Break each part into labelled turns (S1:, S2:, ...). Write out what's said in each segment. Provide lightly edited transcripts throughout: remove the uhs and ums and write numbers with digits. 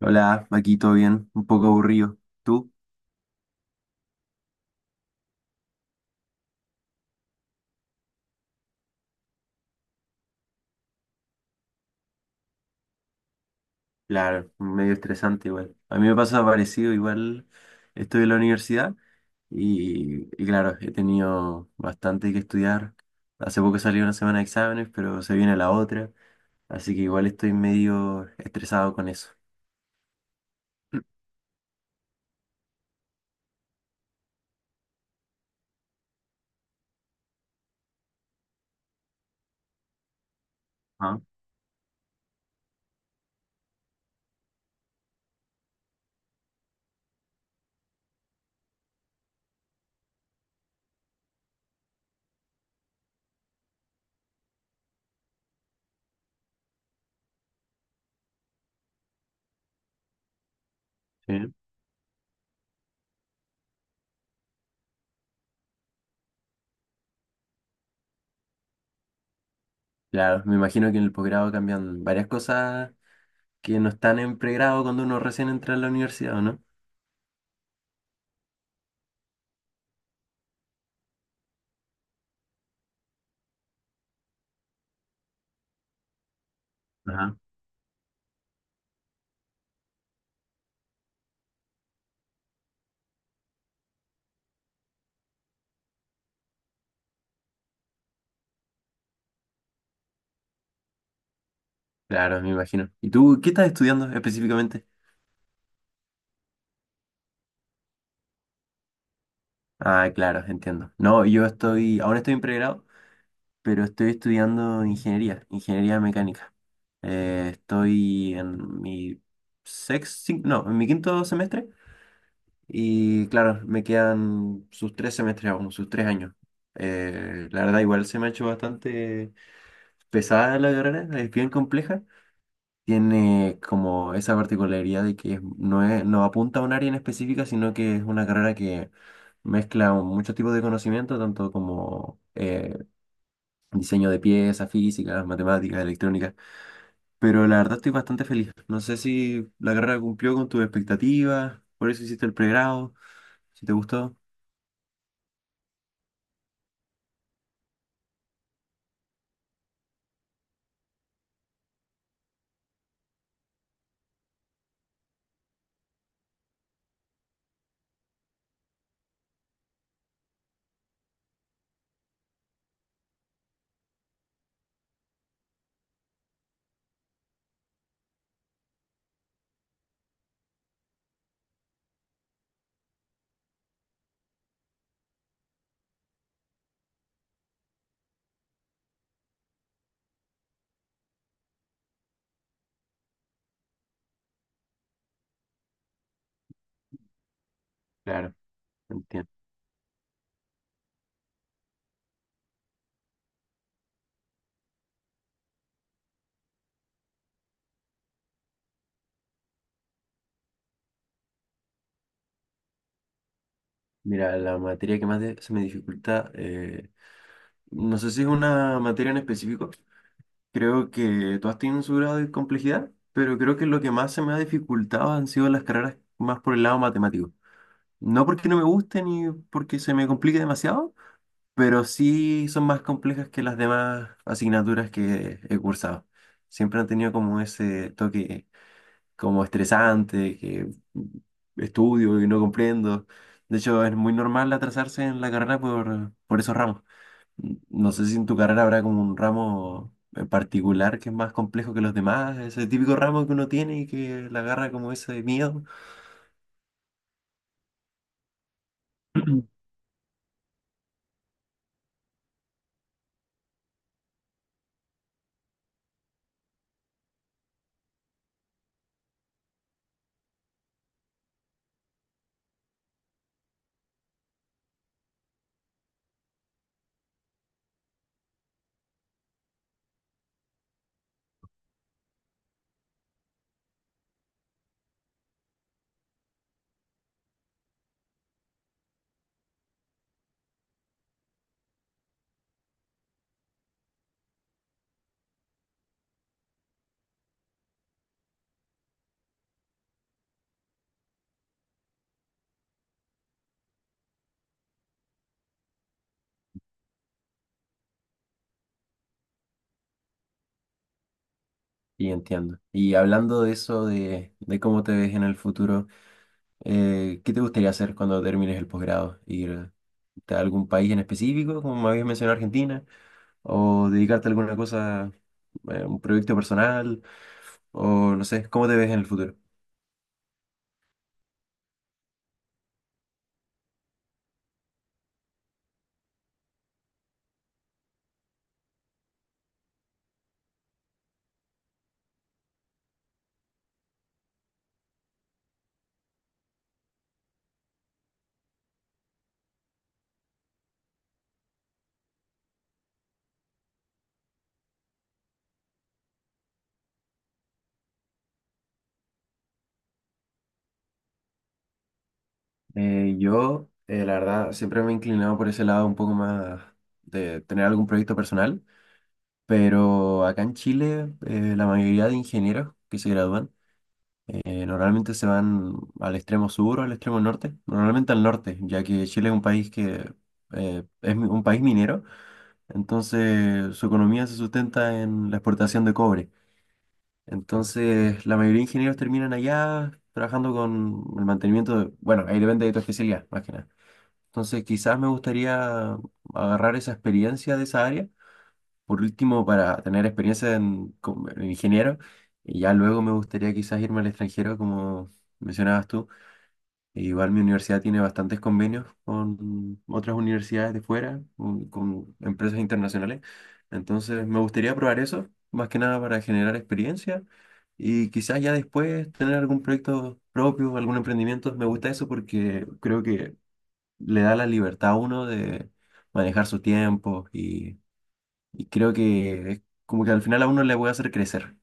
S1: Hola, aquí todo bien, un poco aburrido. ¿Tú? Claro, medio estresante igual. A mí me pasa parecido, igual estoy en la universidad y claro, he tenido bastante que estudiar. Hace poco salió una semana de exámenes, pero se viene la otra, así que igual estoy medio estresado con eso. Ah, sí. Claro, me imagino que en el posgrado cambian varias cosas que no están en pregrado cuando uno recién entra a la universidad, ¿o no? Ajá. Claro, me imagino. ¿Y tú qué estás estudiando específicamente? Ah, claro, entiendo. No, yo estoy, ahora estoy en pregrado, pero estoy estudiando ingeniería, ingeniería mecánica. Estoy en mi sexto, no, en mi quinto semestre y claro, me quedan sus tres semestres aún, sus tres años. La verdad, igual se me ha hecho bastante pesada la carrera, es bien compleja, tiene como esa particularidad de que es, no apunta a un área en específica, sino que es una carrera que mezcla muchos tipos de conocimiento, tanto como diseño de piezas, física, matemáticas, electrónica. Pero la verdad estoy bastante feliz. No sé si la carrera cumplió con tus expectativas, por eso hiciste el pregrado, si te gustó. Claro, entiendo. Mira, la materia que más de- se me dificulta, no sé si es una materia en específico. Creo que todas tienen su grado de complejidad, pero creo que lo que más se me ha dificultado han sido las carreras más por el lado matemático. No porque no me gusten ni porque se me complique demasiado, pero sí son más complejas que las demás asignaturas que he cursado. Siempre han tenido como ese toque como estresante, que estudio y no comprendo. De hecho, es muy normal atrasarse en la carrera por esos ramos. No sé si en tu carrera habrá como un ramo en particular que es más complejo que los demás, ese típico ramo que uno tiene y que le agarra como ese miedo. Y entiendo. Y hablando de eso, de cómo te ves en el futuro, ¿qué te gustaría hacer cuando termines el posgrado? ¿Ir a algún país en específico, como me habías mencionado Argentina? ¿O dedicarte a alguna cosa, un proyecto personal? ¿O no sé, cómo te ves en el futuro? Yo, la verdad, siempre me he inclinado por ese lado un poco más de tener algún proyecto personal, pero acá en Chile, la mayoría de ingenieros que se gradúan normalmente se van al extremo sur o al extremo norte, normalmente al norte, ya que Chile es un país que es mi- un país minero, entonces su economía se sustenta en la exportación de cobre. Entonces, la mayoría de ingenieros terminan allá trabajando con el mantenimiento de, bueno, ahí depende de tu especialidad, más que nada. Entonces, quizás me gustaría agarrar esa experiencia de esa área, por último, para tener experiencia en, como en ingeniero, y ya luego me gustaría quizás irme al extranjero, como mencionabas tú. E igual mi universidad tiene bastantes convenios con otras universidades de fuera, con empresas internacionales. Entonces, me gustaría probar eso, más que nada para generar experiencia y quizás ya después tener algún proyecto propio, algún emprendimiento. Me gusta eso porque creo que le da la libertad a uno de manejar su tiempo y creo que es como que al final a uno le puede hacer crecer.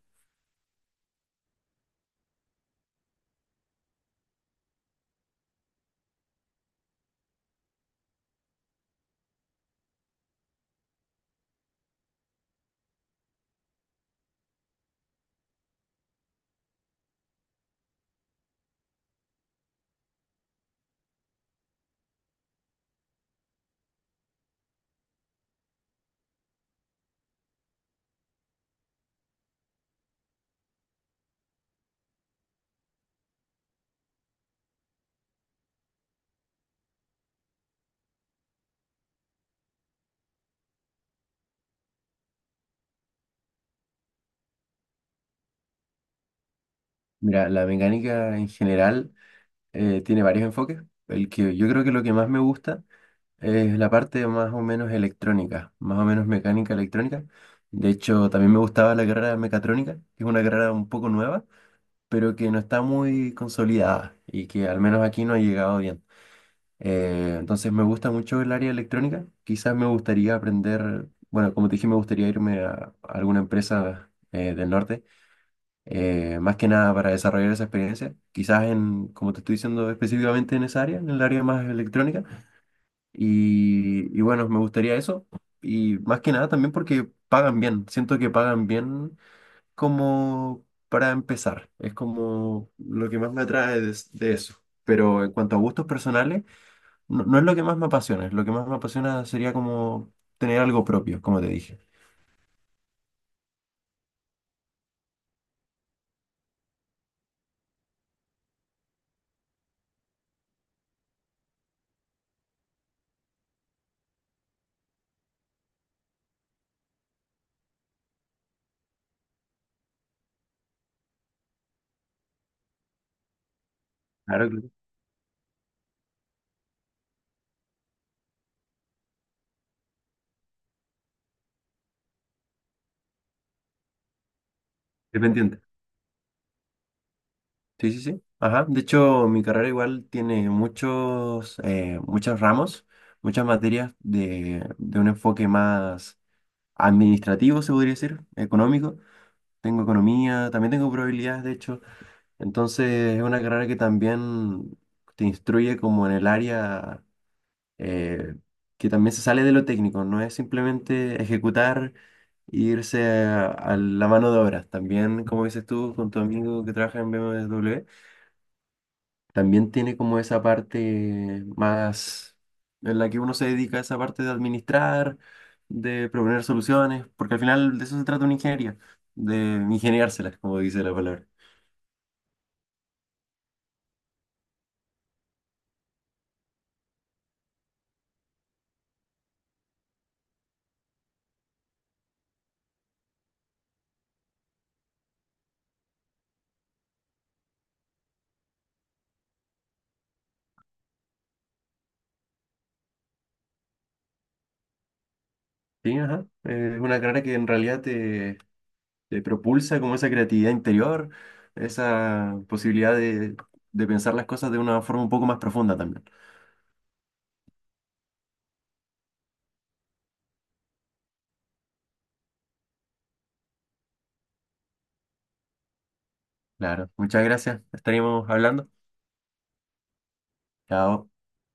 S1: Mira, la mecánica en general tiene varios enfoques. El que yo creo que lo que más me gusta es la parte más o menos electrónica, más o menos mecánica electrónica. De hecho, también me gustaba la carrera de mecatrónica, que es una carrera un poco nueva, pero que no está muy consolidada y que al menos aquí no ha llegado bien. Entonces me gusta mucho el área electrónica. Quizás me gustaría aprender, bueno, como te dije, me gustaría irme a alguna empresa del norte, más que nada para desarrollar esa experiencia. Quizás en, como te estoy diciendo, específicamente en esa área, en el área más electrónica. Y bueno, me gustaría eso. Y más que nada también porque pagan bien. Siento que pagan bien como para empezar. Es como lo que más me atrae de eso. Pero en cuanto a gustos personales, no, no es lo que más me apasiona, lo que más me apasiona sería como tener algo propio, como te dije. Claro, claro. Dependiente. Sí, sí, sí. Ajá. De hecho, mi carrera igual tiene muchos, muchos ramos, muchas materias de un enfoque más administrativo, se podría decir, económico. Tengo economía, también tengo probabilidades, de hecho. Entonces, es una carrera que también te instruye como en el área. eh, que también se sale de lo técnico, no es simplemente ejecutar e irse a la mano de obra. También, como dices tú, con tu amigo que trabaja en BMW, también tiene como esa parte más en la que uno se dedica a esa parte de administrar, de proponer soluciones, porque al final de eso se trata una ingeniería, de ingeniárselas, como dice la palabra. Sí, ajá. Es una carrera que en realidad te propulsa como esa creatividad interior, esa posibilidad de pensar las cosas de una forma un poco más profunda también. Claro, muchas gracias. Estaremos hablando. Chao.